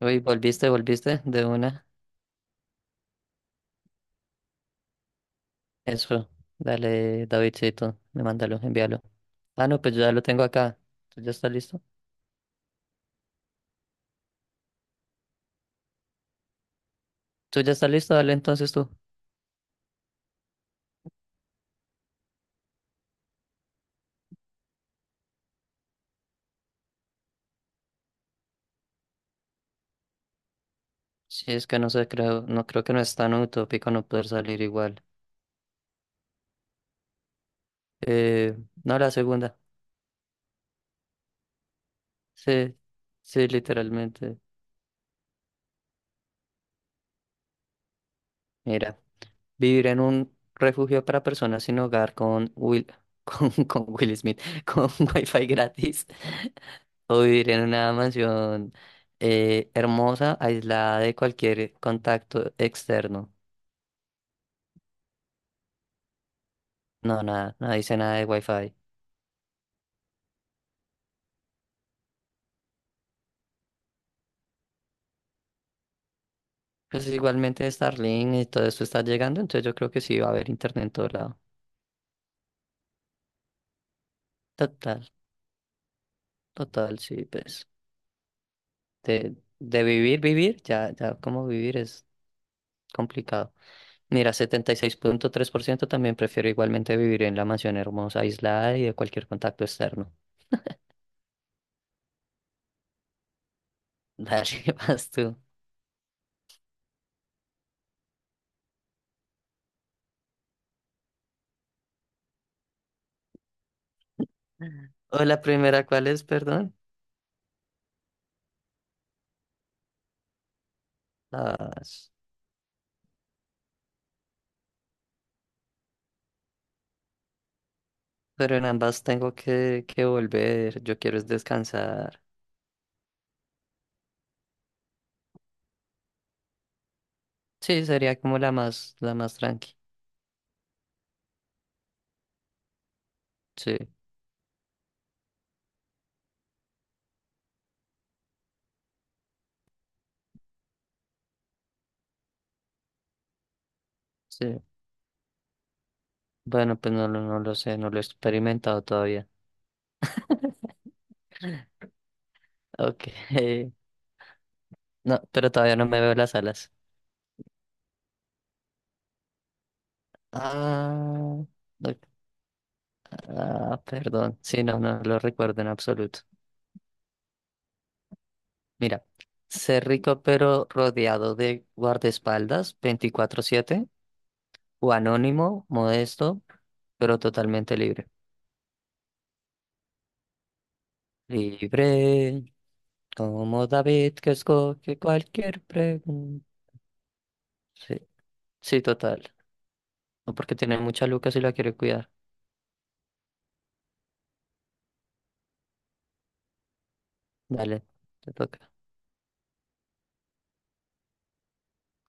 Uy, volviste, volviste de una. Eso, dale, Davidcito, me mándalo, envíalo. Ah, no, pues yo ya lo tengo acá. ¿Tú ya estás listo? ¿Tú ya estás listo? Dale entonces tú. Sí, es que no sé, creo, no creo que no es tan utópico no poder salir igual. Eh, no, la segunda. Sí, sí, literalmente. Mira, vivir en un refugio para personas sin hogar con Will, con Will Smith, con Wi-Fi gratis o vivir en una mansión hermosa, aislada de cualquier contacto externo. No, nada, no dice nada de Wi-Fi. Pues igualmente Starlink y todo esto está llegando, entonces yo creo que sí va a haber internet en todo lado. Total, total, sí, pues. De vivir, vivir, ya, ya, como vivir es complicado. Mira, 76.3% también prefiero igualmente vivir en la mansión hermosa, aislada y de cualquier contacto externo. Dale, vas tú. O la primera, ¿cuál es? Perdón. Ah, s- pero en ambas tengo que volver. Yo quiero es descansar. Sí, sería como la más tranqui. Sí, sí. Bueno, pues no, no lo sé, no lo he experimentado todavía. Ok. No, pero todavía no me veo las alas. Ah, ok. Ah, perdón. Sí, no, no lo recuerdo en absoluto. Mira, ser rico pero rodeado de guardaespaldas 24/7 o anónimo, modesto, pero totalmente libre. Libre. Como David que escoge cualquier pregunta. Sí, sí, total. No porque tiene mucha luca si la quiere cuidar. Dale, te toca.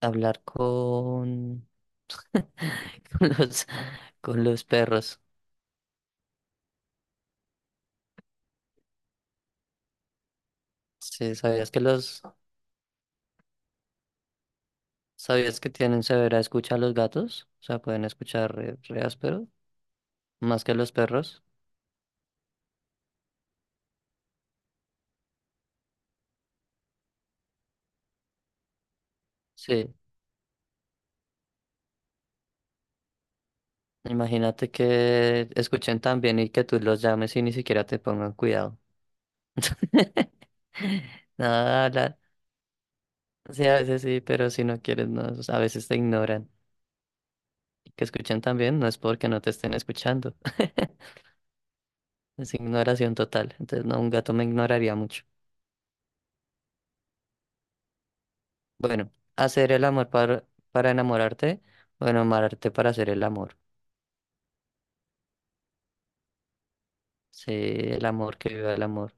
Hablar con, con los, con los, perros. Sí, ¿Sabías que tienen severa escucha a los gatos? O sea, pueden escuchar re, re áspero, más que los perros. Sí, imagínate que escuchen tan bien y que tú los llames y ni siquiera te pongan cuidado. Nada, sí, a veces sí, pero si no quieres, no, o sea, a veces te ignoran. Y que escuchan también, no es porque no te estén escuchando. Es ignoración total. Entonces, no, un gato me ignoraría mucho. Bueno, hacer el amor para enamorarte, o enamorarte para hacer el amor. Sí, el amor, que viva el amor.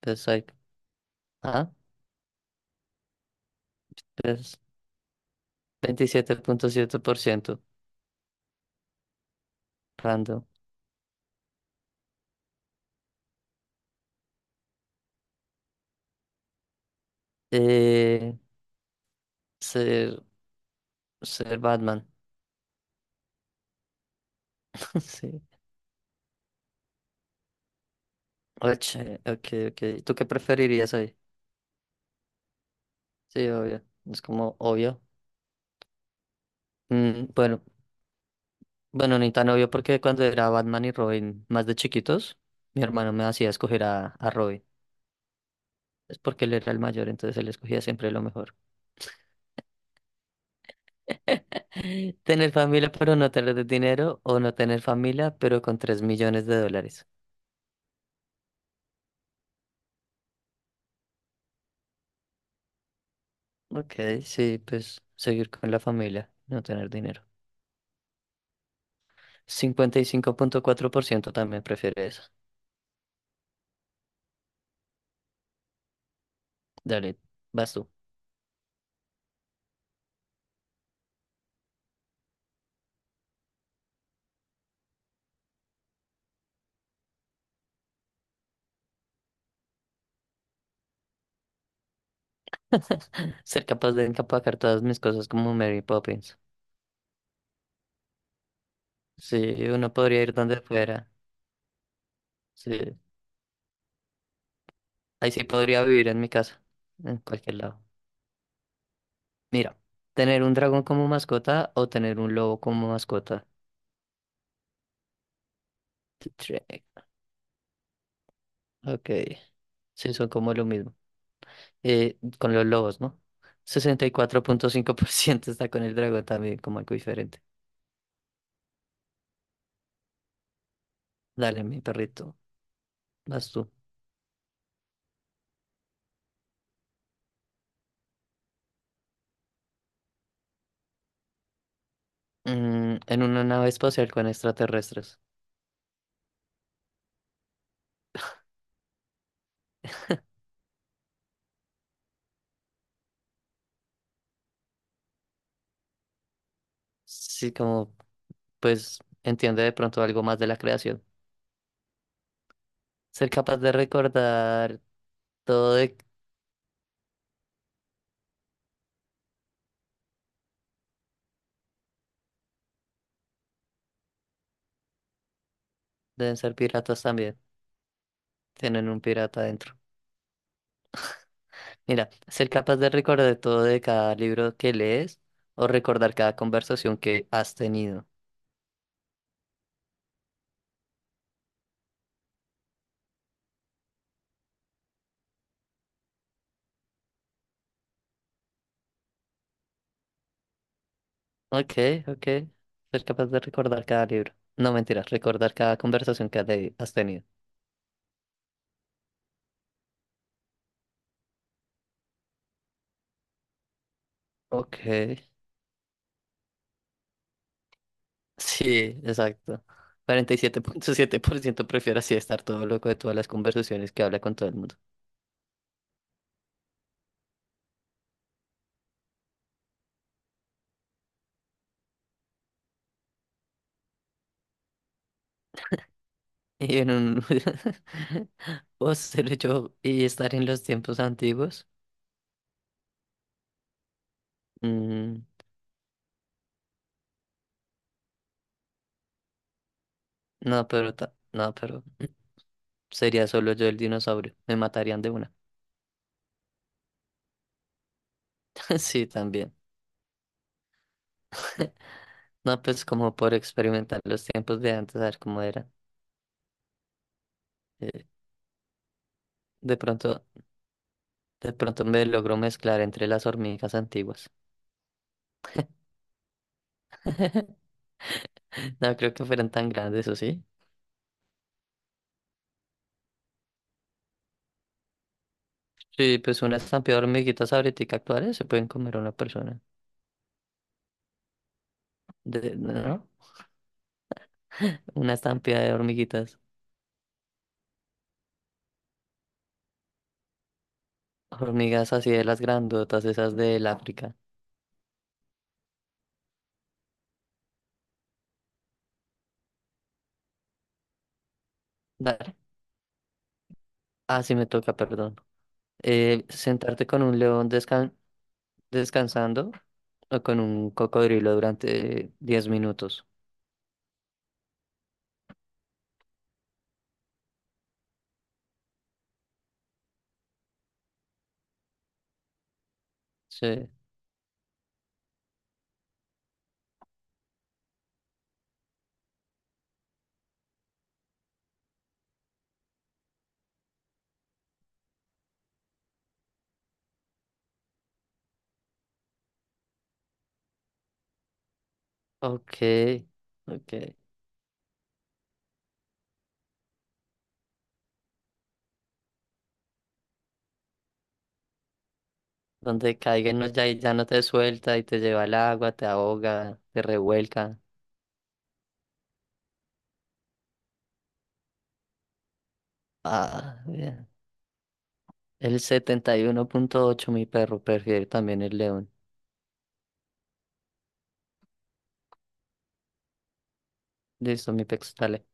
Entonces, hay, ah, pues 27.7% random. Eh, ser, ser Batman. Sí. Ok, ok. ¿Tú qué preferirías hoy? Sí, obvio. Es como obvio. Bueno, bueno, ni tan obvio porque cuando era Batman y Robin más de chiquitos, mi hermano me hacía escoger a Robin. Es porque él era el mayor, entonces él escogía siempre lo mejor. Tener familia pero no tener dinero o no tener familia pero con 3 millones de dólares. Ok, sí, pues seguir con la familia, no tener dinero. 55.4% también prefiere eso. Dale, vas tú. Ser capaz de empacar todas mis cosas como Mary Poppins. Sí, uno podría ir donde fuera. Sí, ahí sí podría vivir en mi casa, en cualquier lado. Mira, tener un dragón como mascota o tener un lobo como mascota. Shrek. Ok, sí, son como lo mismo. Con los lobos, ¿no? 64.5% está con el dragón también, como algo diferente. Dale, mi perrito, vas tú. En una nave espacial con extraterrestres. Sí, como, pues, entiende de pronto algo más de la creación. Ser capaz de recordar todo. Deben ser piratas también. Tienen un pirata adentro. Mira, ser capaz de recordar todo de cada libro que lees o recordar cada conversación que has tenido. Ok, ok. Ser capaz de recordar cada libro. No, mentiras, recordar cada conversación que has tenido. Ok. Sí, exacto. 47.7% prefiere así estar todo loco de todas las conversaciones que habla con todo el mundo. Y en un. ¿O ser yo y estar en los tiempos antiguos? Mm, no, pero sería solo yo el dinosaurio. Me matarían de una. Sí, también. No, pues como por experimentar los tiempos de antes, a ver cómo eran. Eh, de pronto, de pronto me logro mezclar entre las hormigas antiguas. No creo que fueran tan grandes, ¿o sí? Sí, pues una estampida de hormiguitas ahorita actuales se pueden comer a una persona. ¿No? Una estampida de hormiguitas. Hormigas así de las grandotas, esas del África. Dale. Ah, sí me toca, perdón. Sentarte con un león descansando o con un cocodrilo durante 10 minutos. Sí. Ok, ok. Donde caiga no, ya, ya no te suelta y te lleva al agua, te ahoga, te revuelca. Ah, bien. El 71.8, mi perro, prefiere también el león. Listo, mi pex, dale.